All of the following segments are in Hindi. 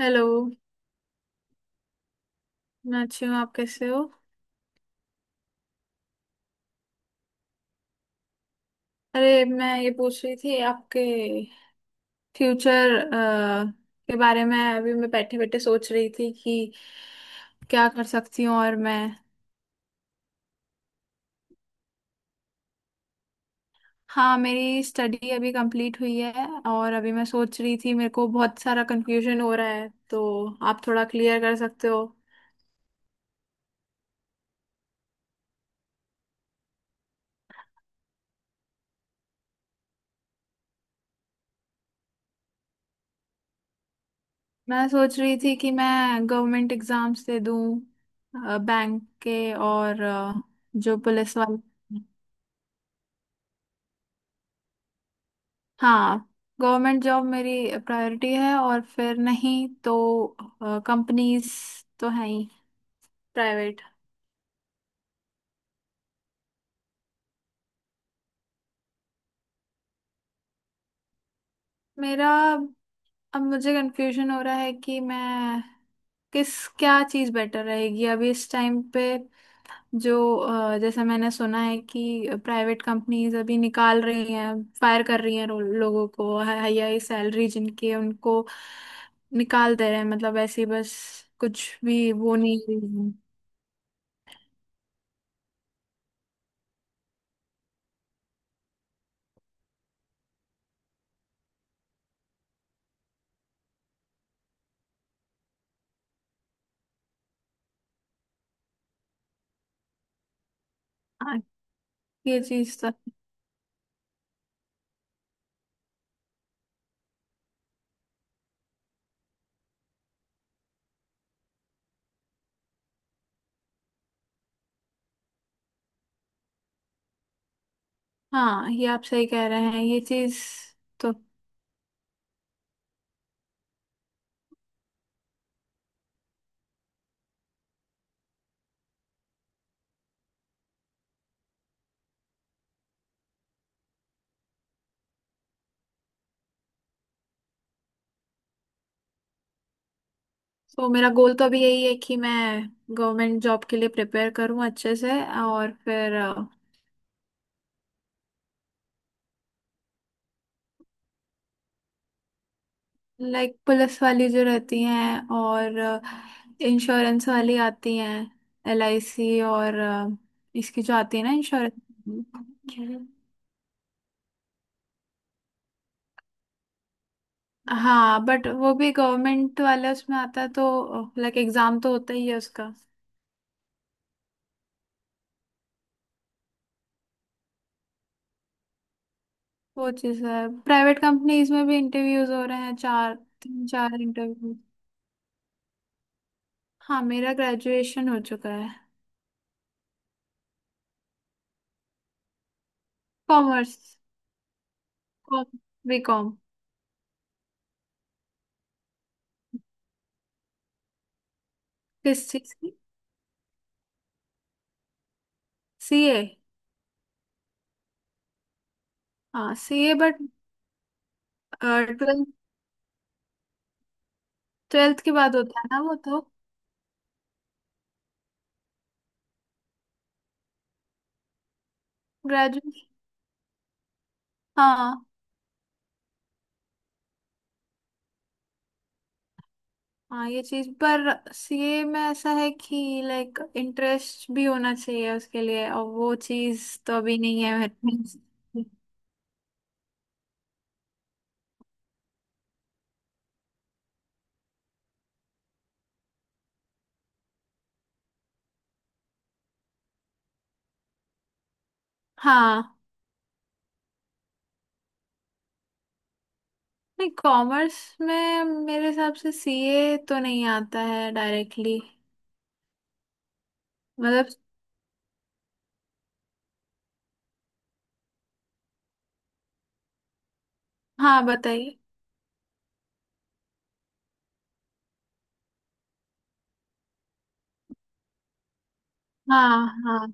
हेलो। मैं अच्छी हूँ, आप कैसे हो? अरे मैं ये पूछ रही थी आपके फ्यूचर के बारे में। अभी मैं बैठे बैठे सोच रही थी कि क्या कर सकती हूँ और मैं। हाँ मेरी स्टडी अभी कंप्लीट हुई है और अभी मैं सोच रही थी मेरे को बहुत सारा कंफ्यूजन हो रहा है तो आप थोड़ा क्लियर कर सकते हो। मैं सोच रही थी कि मैं गवर्नमेंट एग्जाम्स दे दूँ, बैंक के और जो पुलिस वाले। हाँ गवर्नमेंट जॉब मेरी प्रायोरिटी है और फिर नहीं तो कंपनीज तो है ही, प्राइवेट। मेरा अब मुझे कंफ्यूजन हो रहा है कि मैं किस क्या चीज़ बेटर रहेगी अभी इस टाइम पे। जो जैसा मैंने सुना है कि प्राइवेट कंपनीज अभी निकाल रही हैं, फायर कर रही हैं। लोगों को हाई हाई सैलरी जिनकी है, उनको निकाल दे रहे हैं, मतलब ऐसे ही बस कुछ भी वो नहीं रही है। हाँ, ये चीज। हाँ ये आप सही कह रहे हैं, ये चीज। तो तो मेरा गोल तो अभी यही है कि मैं गवर्नमेंट जॉब के लिए प्रिपेयर करूं अच्छे से और फिर लाइक पुलिस वाली जो रहती हैं और इंश्योरेंस वाली आती हैं, एलआईसी। और इसकी जो आती है ना, इंश्योरेंस। हाँ बट वो भी गवर्नमेंट वाले उसमें आता है, तो लाइक एग्जाम तो होता ही है उसका। वो चीज़ है, प्राइवेट कंपनीज में भी इंटरव्यूज हो रहे हैं, चार तीन चार इंटरव्यू। हाँ मेरा ग्रेजुएशन हो चुका है। कॉमर्स। Com, BCom. किस चीज की? सीए। हाँ सीए बट ट्वेल्थ, ट्वेल्थ के बाद होता है ना वो तो। ग्रेजुएशन। हाँ हाँ ये चीज पर सीए में ऐसा है कि लाइक इंटरेस्ट भी होना चाहिए उसके लिए, और वो चीज तो अभी नहीं है मेरे में। हाँ, नहीं कॉमर्स में मेरे हिसाब से सीए तो नहीं आता है डायरेक्टली। मतलब? हाँ बताइए। हाँ हाँ।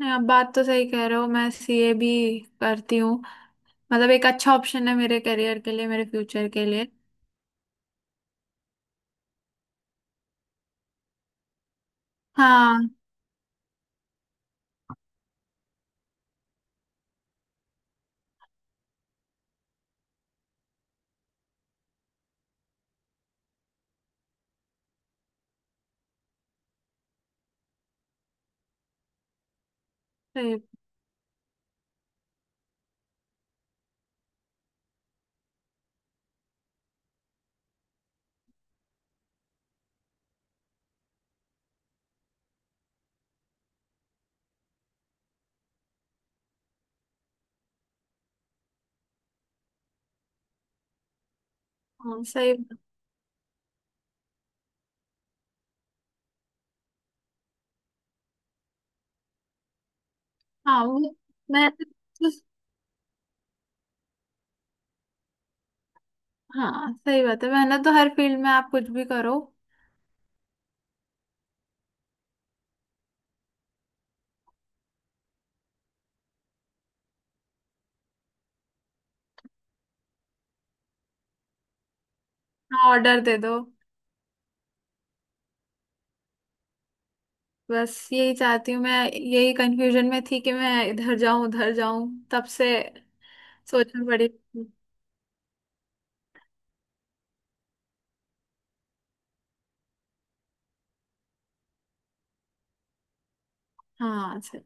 नहीं, आप बात तो सही कह रहे हो, मैं सीए भी करती हूँ। मतलब एक अच्छा ऑप्शन है मेरे करियर के लिए, मेरे फ्यूचर के लिए। हाँ सही। हाँ सही। हाँ वो मैं। हाँ सही बात है, मेहनत तो हर फील्ड में आप कुछ भी करो। हाँ, ऑर्डर दे दो। बस यही चाहती हूँ मैं, यही कंफ्यूजन में थी कि मैं इधर जाऊं उधर जाऊं तब से सोचना पड़ी। हाँ सही।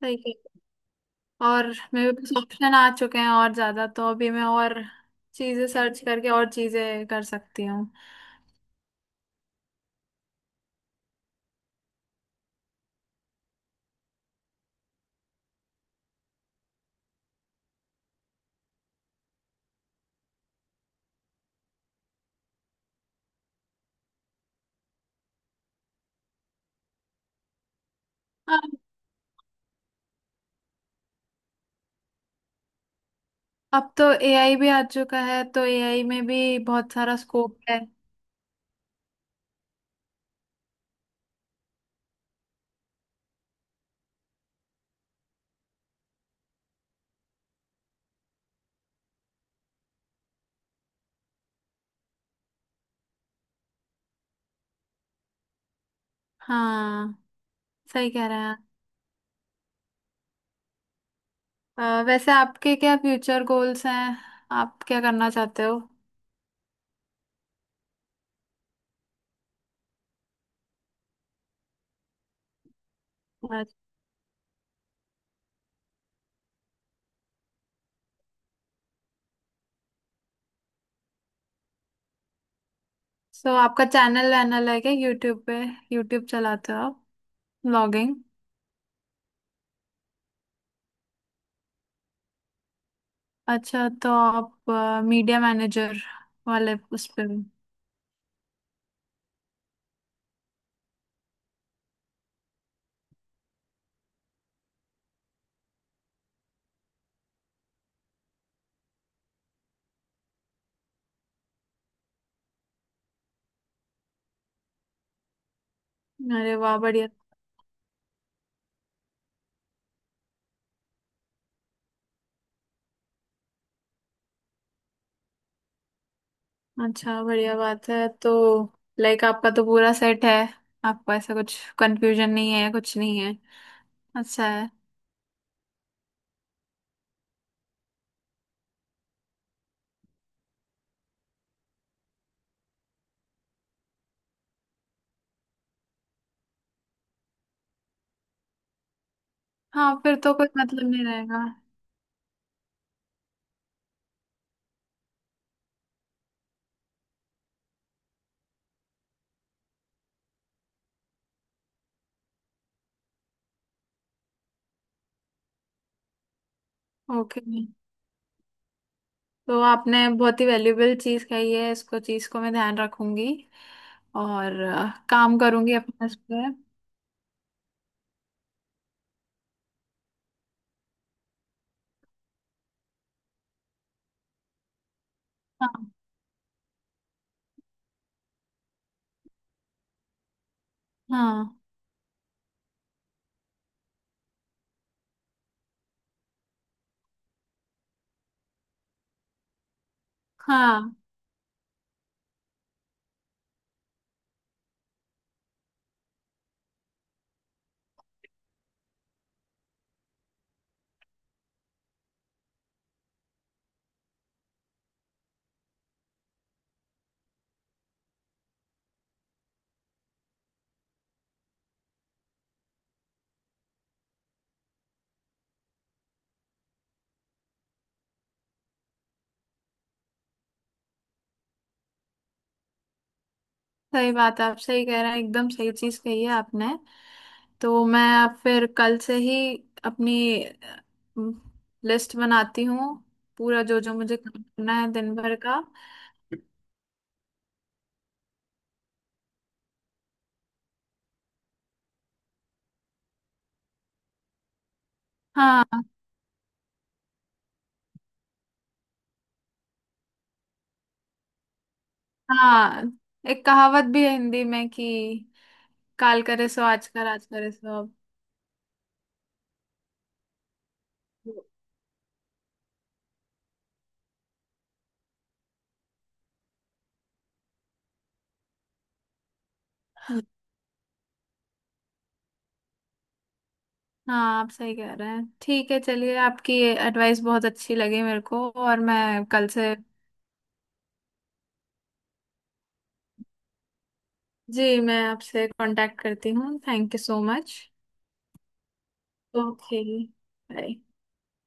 सही। और मेरे पास ऑप्शन आ चुके हैं और ज्यादा, तो अभी मैं और चीजें सर्च करके और चीजें कर सकती हूँ। अब अब तो एआई भी आ चुका है, तो एआई में भी बहुत सारा स्कोप है। हाँ सही कह रहे हैं। वैसे आपके क्या फ्यूचर गोल्स हैं? आप क्या करना चाहते हो? सो आपका चैनल वैनल है क्या, यूट्यूब पे? यूट्यूब चलाते हो आप? ब्लॉगिंग? अच्छा तो आप मीडिया मैनेजर वाले उस पे? अरे वाह बढ़िया। अच्छा बढ़िया बात है, तो लाइक आपका तो पूरा सेट है। आपको ऐसा कुछ कंफ्यूजन नहीं है, कुछ नहीं है। अच्छा है। हाँ फिर तो कोई मतलब नहीं रहेगा। ओके, तो आपने बहुत ही वैल्यूबल चीज कही है, इसको चीज को मैं ध्यान रखूंगी और काम करूंगी अपने इस पे। हाँ हाँ। हाँ सही बात है, आप सही कह रहे हैं, एकदम सही चीज कही है आपने। तो मैं अब फिर कल से ही अपनी लिस्ट बनाती हूँ, पूरा जो जो मुझे काम करना है दिन भर का। हाँ। हाँ एक कहावत भी है हिंदी में कि काल करे सो आज कर, आज करे सो अब। हाँ आप सही कह रहे हैं। ठीक है चलिए, आपकी एडवाइस बहुत अच्छी लगी मेरे को, और मैं कल से। जी मैं आपसे कांटेक्ट करती हूँ, thank you so much. Okay. Bye.